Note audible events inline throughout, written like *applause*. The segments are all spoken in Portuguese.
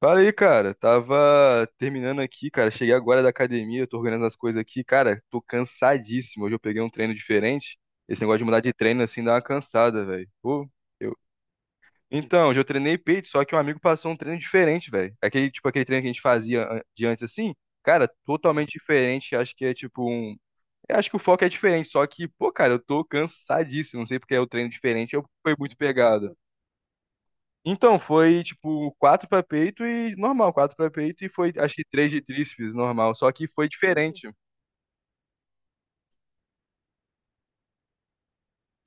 Fala aí, cara. Tava terminando aqui, cara. Cheguei agora da academia, tô organizando as coisas aqui. Cara, tô cansadíssimo. Hoje eu peguei um treino diferente. Esse negócio de mudar de treino assim dá uma cansada, velho. Pô, eu. Então, hoje eu treinei peito, só que um amigo passou um treino diferente, velho. Aquele, tipo, aquele treino que a gente fazia de antes assim, cara, totalmente diferente. Acho que é tipo um. Eu acho que o foco é diferente, só que, pô, cara, eu tô cansadíssimo. Não sei porque é o treino diferente, eu fui muito pegado. Então, foi tipo quatro para peito e normal, quatro para peito e foi acho que três de tríceps normal, só que foi diferente.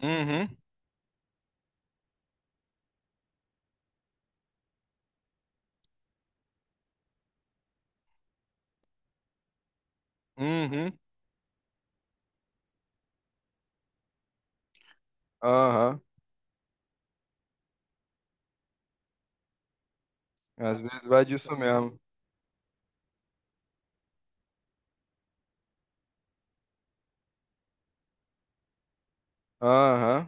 Uhum, uhum, aham. Às vezes vai disso mesmo. Aham,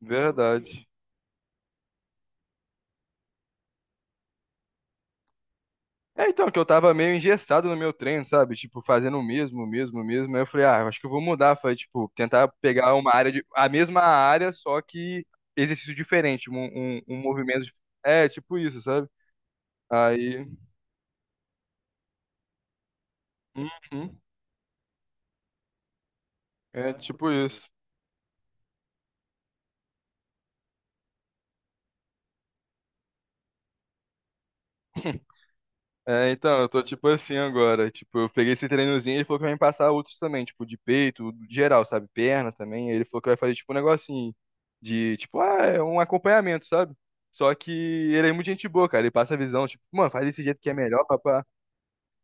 verdade. É então que eu tava meio engessado no meu treino, sabe? Tipo, fazendo o mesmo, o mesmo, o mesmo. Aí eu falei, ah, acho que eu vou mudar. Foi tipo, tentar pegar uma área de, a mesma área, só que exercício diferente, um movimento, é tipo isso, sabe? Aí, uhum, é tipo isso. É, então, eu tô tipo assim agora. Tipo, eu peguei esse treinozinho e ele falou que vai me passar outros também, tipo, de peito, geral, sabe? Perna também. Aí ele falou que vai fazer tipo um negocinho de, tipo, ah, é um acompanhamento, sabe? Só que ele é muito gente boa, cara. Ele passa a visão, tipo, mano, faz desse jeito que é melhor, papá.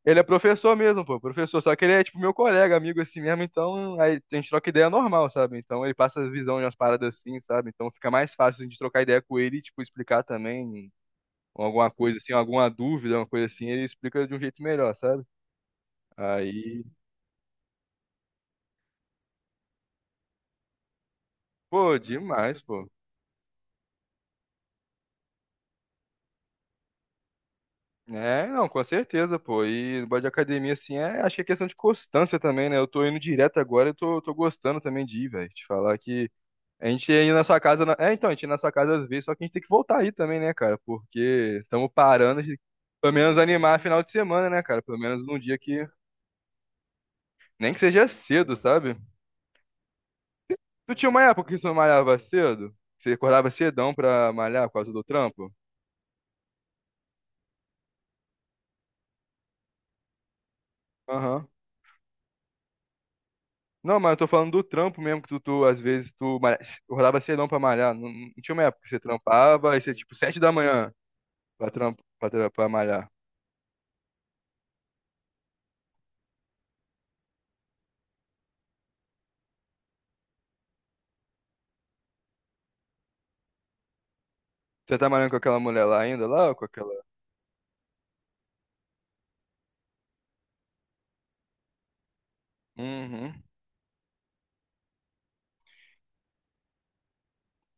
Ele é professor mesmo, pô, professor. Só que ele é, tipo, meu colega, amigo assim mesmo. Então, aí a gente troca ideia normal, sabe? Então, ele passa a visão de umas paradas assim, sabe? Então, fica mais fácil de trocar ideia com ele e, tipo, explicar também ou alguma coisa assim, alguma dúvida, uma coisa assim, ele explica de um jeito melhor, sabe? Aí, pô, demais, pô. É, não, com certeza, pô. E no bode de academia, assim, é, acho que é questão de constância também, né? Eu tô indo direto agora, eu tô gostando também de ir, velho. Te falar que a gente ia ir na sua casa. É, então, a gente ia na sua casa às vezes, só que a gente tem que voltar aí também, né, cara? Porque estamos parando de pelo menos animar final de semana, né, cara? Pelo menos num dia que. Nem que seja cedo, sabe? Tu tinha uma época que você não malhava cedo? Você acordava cedão pra malhar por causa do trampo? Aham. Não, mas eu tô falando do trampo mesmo, que tu, às vezes acordava cedão pra malhar. Não, não tinha uma época que você trampava, aí você, tipo, 7 da manhã pra, trampo, pra, tra- pra malhar. Você tá malhando com aquela mulher lá ainda, lá, com aquela... Uhum.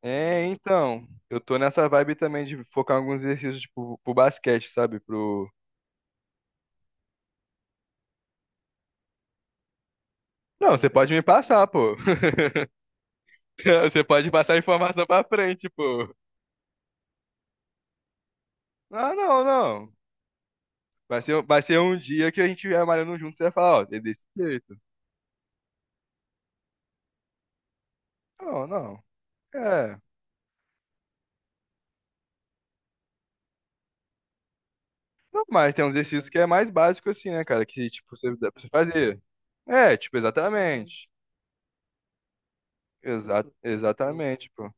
É, então, eu tô nessa vibe também de focar em alguns exercícios, tipo, pro basquete, sabe? Pro... Não, você pode me passar, pô. *laughs* Você pode passar a informação pra frente, pô. Não, não. Vai ser, um dia que a gente vier malhando junto, e você vai falar, ó, é desse jeito. Não, não. É. Não, mas tem uns exercícios que é mais básico assim, né, cara? Que, tipo, você dá pra você fazer. É, tipo, exatamente. Exatamente, pô.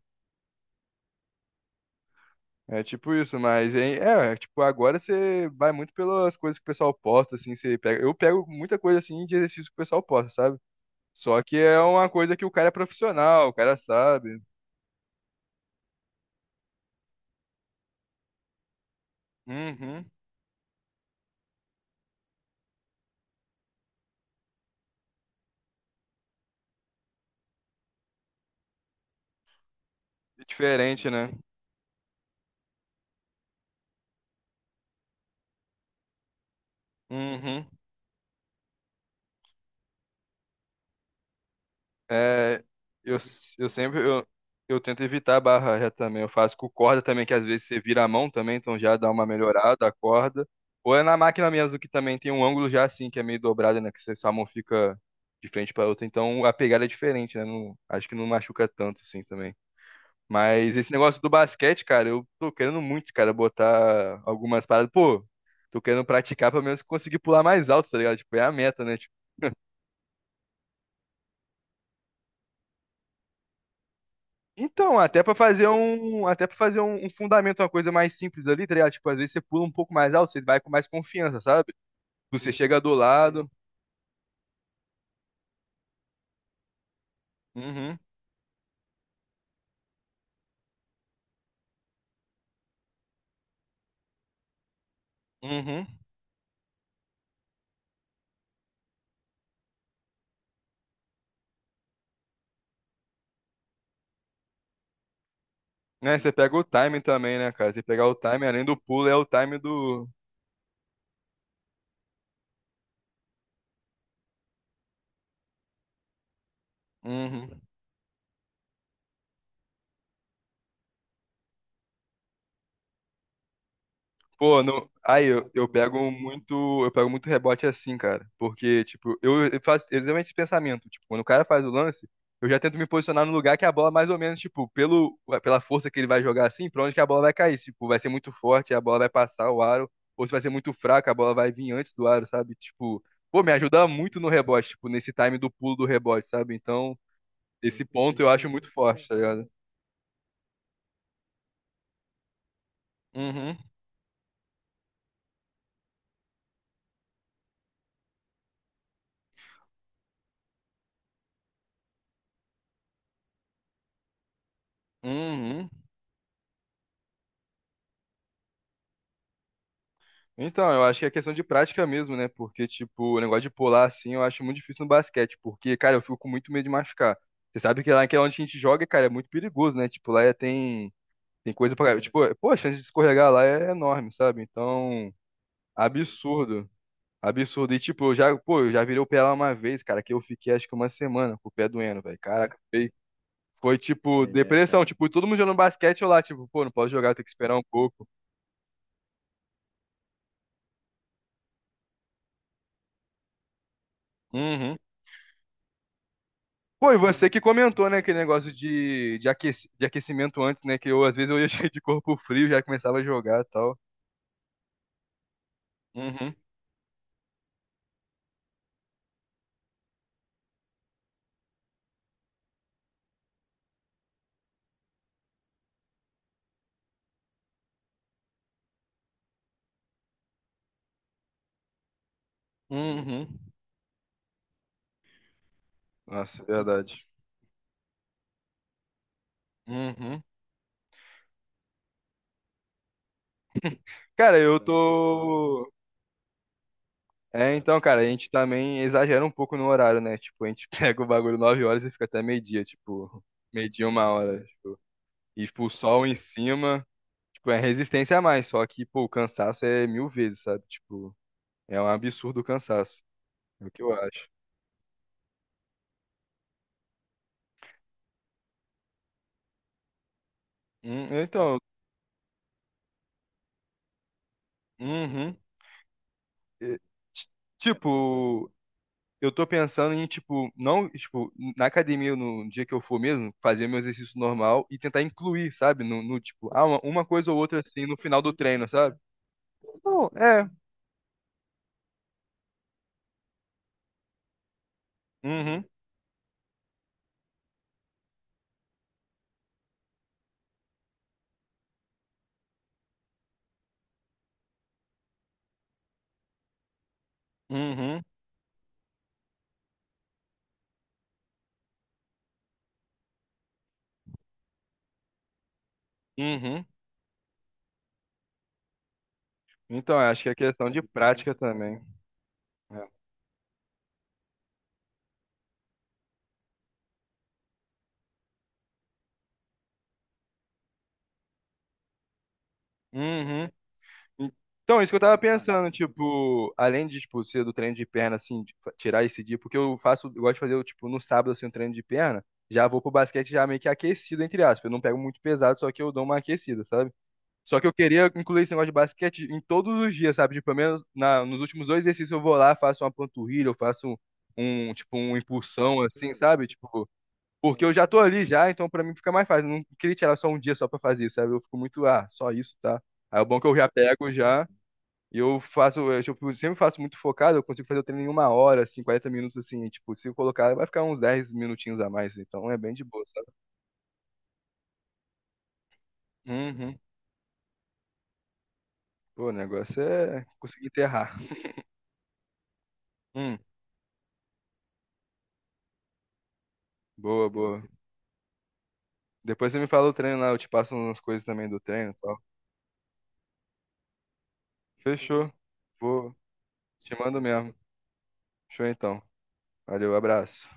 É tipo isso, mas hein, tipo, agora você vai muito pelas coisas que o pessoal posta, assim, você pega. Eu pego muita coisa assim de exercício que o pessoal posta, sabe? Só que é uma coisa que o cara é profissional, o cara sabe. Uhum. É diferente, né? Uhum. É, eu, eu sempre eu, eu tento evitar a barra reta também. Eu faço com corda também, que às vezes você vira a mão também, então já dá uma melhorada a corda. Ou é na máquina mesmo que também tem um ângulo já assim, que é meio dobrado, né? Que sua mão fica de frente para outra. Então a pegada é diferente, né? Não, acho que não machuca tanto assim também. Mas esse negócio do basquete, cara, eu tô querendo muito, cara, botar algumas paradas. Pô, tô querendo praticar pelo menos conseguir pular mais alto, tá ligado? Tipo, é a meta, né? Então, até pra fazer um fundamento, uma coisa mais simples ali, tá ligado? Tipo, às vezes você pula um pouco mais alto, você vai com mais confiança, sabe? Você chega do lado. Uhum, uhum. Né? Você pega o time também, né, cara? Você pegar o time, além do pulo, é o time do. Uhum. Pô, não... aí eu pego muito rebote assim, cara, porque tipo, eu faço exatamente esse pensamento, tipo, quando o cara faz o lance, eu já tento me posicionar no lugar que a bola mais ou menos, tipo, pelo pela força que ele vai jogar assim, pra onde que a bola vai cair, se, tipo, vai ser muito forte, a bola vai passar o aro, ou se vai ser muito fraca, a bola vai vir antes do aro, sabe? Tipo, pô, me ajuda muito no rebote, tipo, nesse time do pulo do rebote, sabe? Então, esse ponto eu acho muito forte, tá ligado? Uhum, uhum. Então, eu acho que é questão de prática mesmo, né? Porque, tipo, o negócio de pular assim, eu acho muito difícil no basquete, porque, cara, eu fico com muito medo de machucar. Você sabe que lá que é onde a gente joga, cara, é muito perigoso, né? Tipo, lá tem, coisa pra. Tipo, pô, a chance de escorregar lá é enorme, sabe? Então, absurdo. Absurdo. E, tipo, eu já virei o pé lá uma vez, cara, que eu fiquei acho que uma semana com o pé doendo, velho. Caraca, foi, tipo, pois é, depressão, cara. Tipo, todo mundo jogando basquete, eu lá, tipo, pô, não posso jogar, tenho que esperar um pouco. Uhum. Pô, e você que comentou, né, aquele negócio de aquecimento antes, né, que eu às vezes eu ia *laughs* cheio de corpo frio, já começava a jogar e tal. Uhum, uhum. Nossa, é verdade. Uhum. Cara, eu tô... É, então, cara, a gente também exagera um pouco no horário, né? Tipo, a gente *laughs* pega o bagulho 9 horas e fica até meio-dia, tipo, meio-dia, uma hora. E, tipo, o sol em cima, tipo, é resistência a mais, só que, pô, o cansaço é mil vezes, sabe? Tipo, é um absurdo o cansaço, é o que eu acho. Então, uhum. eh, Tipo, eu tô pensando em, tipo, não, tipo, na academia, no dia que eu for mesmo, fazer meu exercício normal e tentar incluir, sabe? No, tipo, ah, uma coisa ou outra assim no final do treino, sabe? Não, é. Uhum, uhum, uhum. Então, acho que é questão de prática também. É. Uhum. Então, isso que eu tava pensando, tipo, além de, tipo, ser do treino de perna, assim, de tirar esse dia, porque eu faço, eu gosto de fazer, tipo, no sábado, assim, um treino de perna, já vou pro basquete já meio que aquecido, entre aspas, eu não pego muito pesado, só que eu dou uma aquecida, sabe? Só que eu queria incluir esse negócio de basquete em todos os dias, sabe? Tipo, pelo menos nos últimos dois exercícios eu vou lá, faço uma panturrilha, eu faço tipo, uma impulsão, assim, sabe? Tipo, porque eu já tô ali já, então pra mim fica mais fácil, eu não queria tirar só um dia só pra fazer, sabe? Eu fico muito, ah, só isso, tá? Aí é bom é que eu já pego já. E eu faço, eu tipo, sempre faço muito focado, eu consigo fazer o treino em uma hora, assim, 40 minutos, assim, e, tipo, se eu colocar, vai ficar uns 10 minutinhos a mais, então é bem de boa, sabe? Uhum. Pô, o negócio é conseguir enterrar. Hum, boa, boa. Depois você me fala o treino lá, eu te passo umas coisas também do treino e tal. Fechou. Vou, Te mando mesmo. Show então. Valeu, abraço.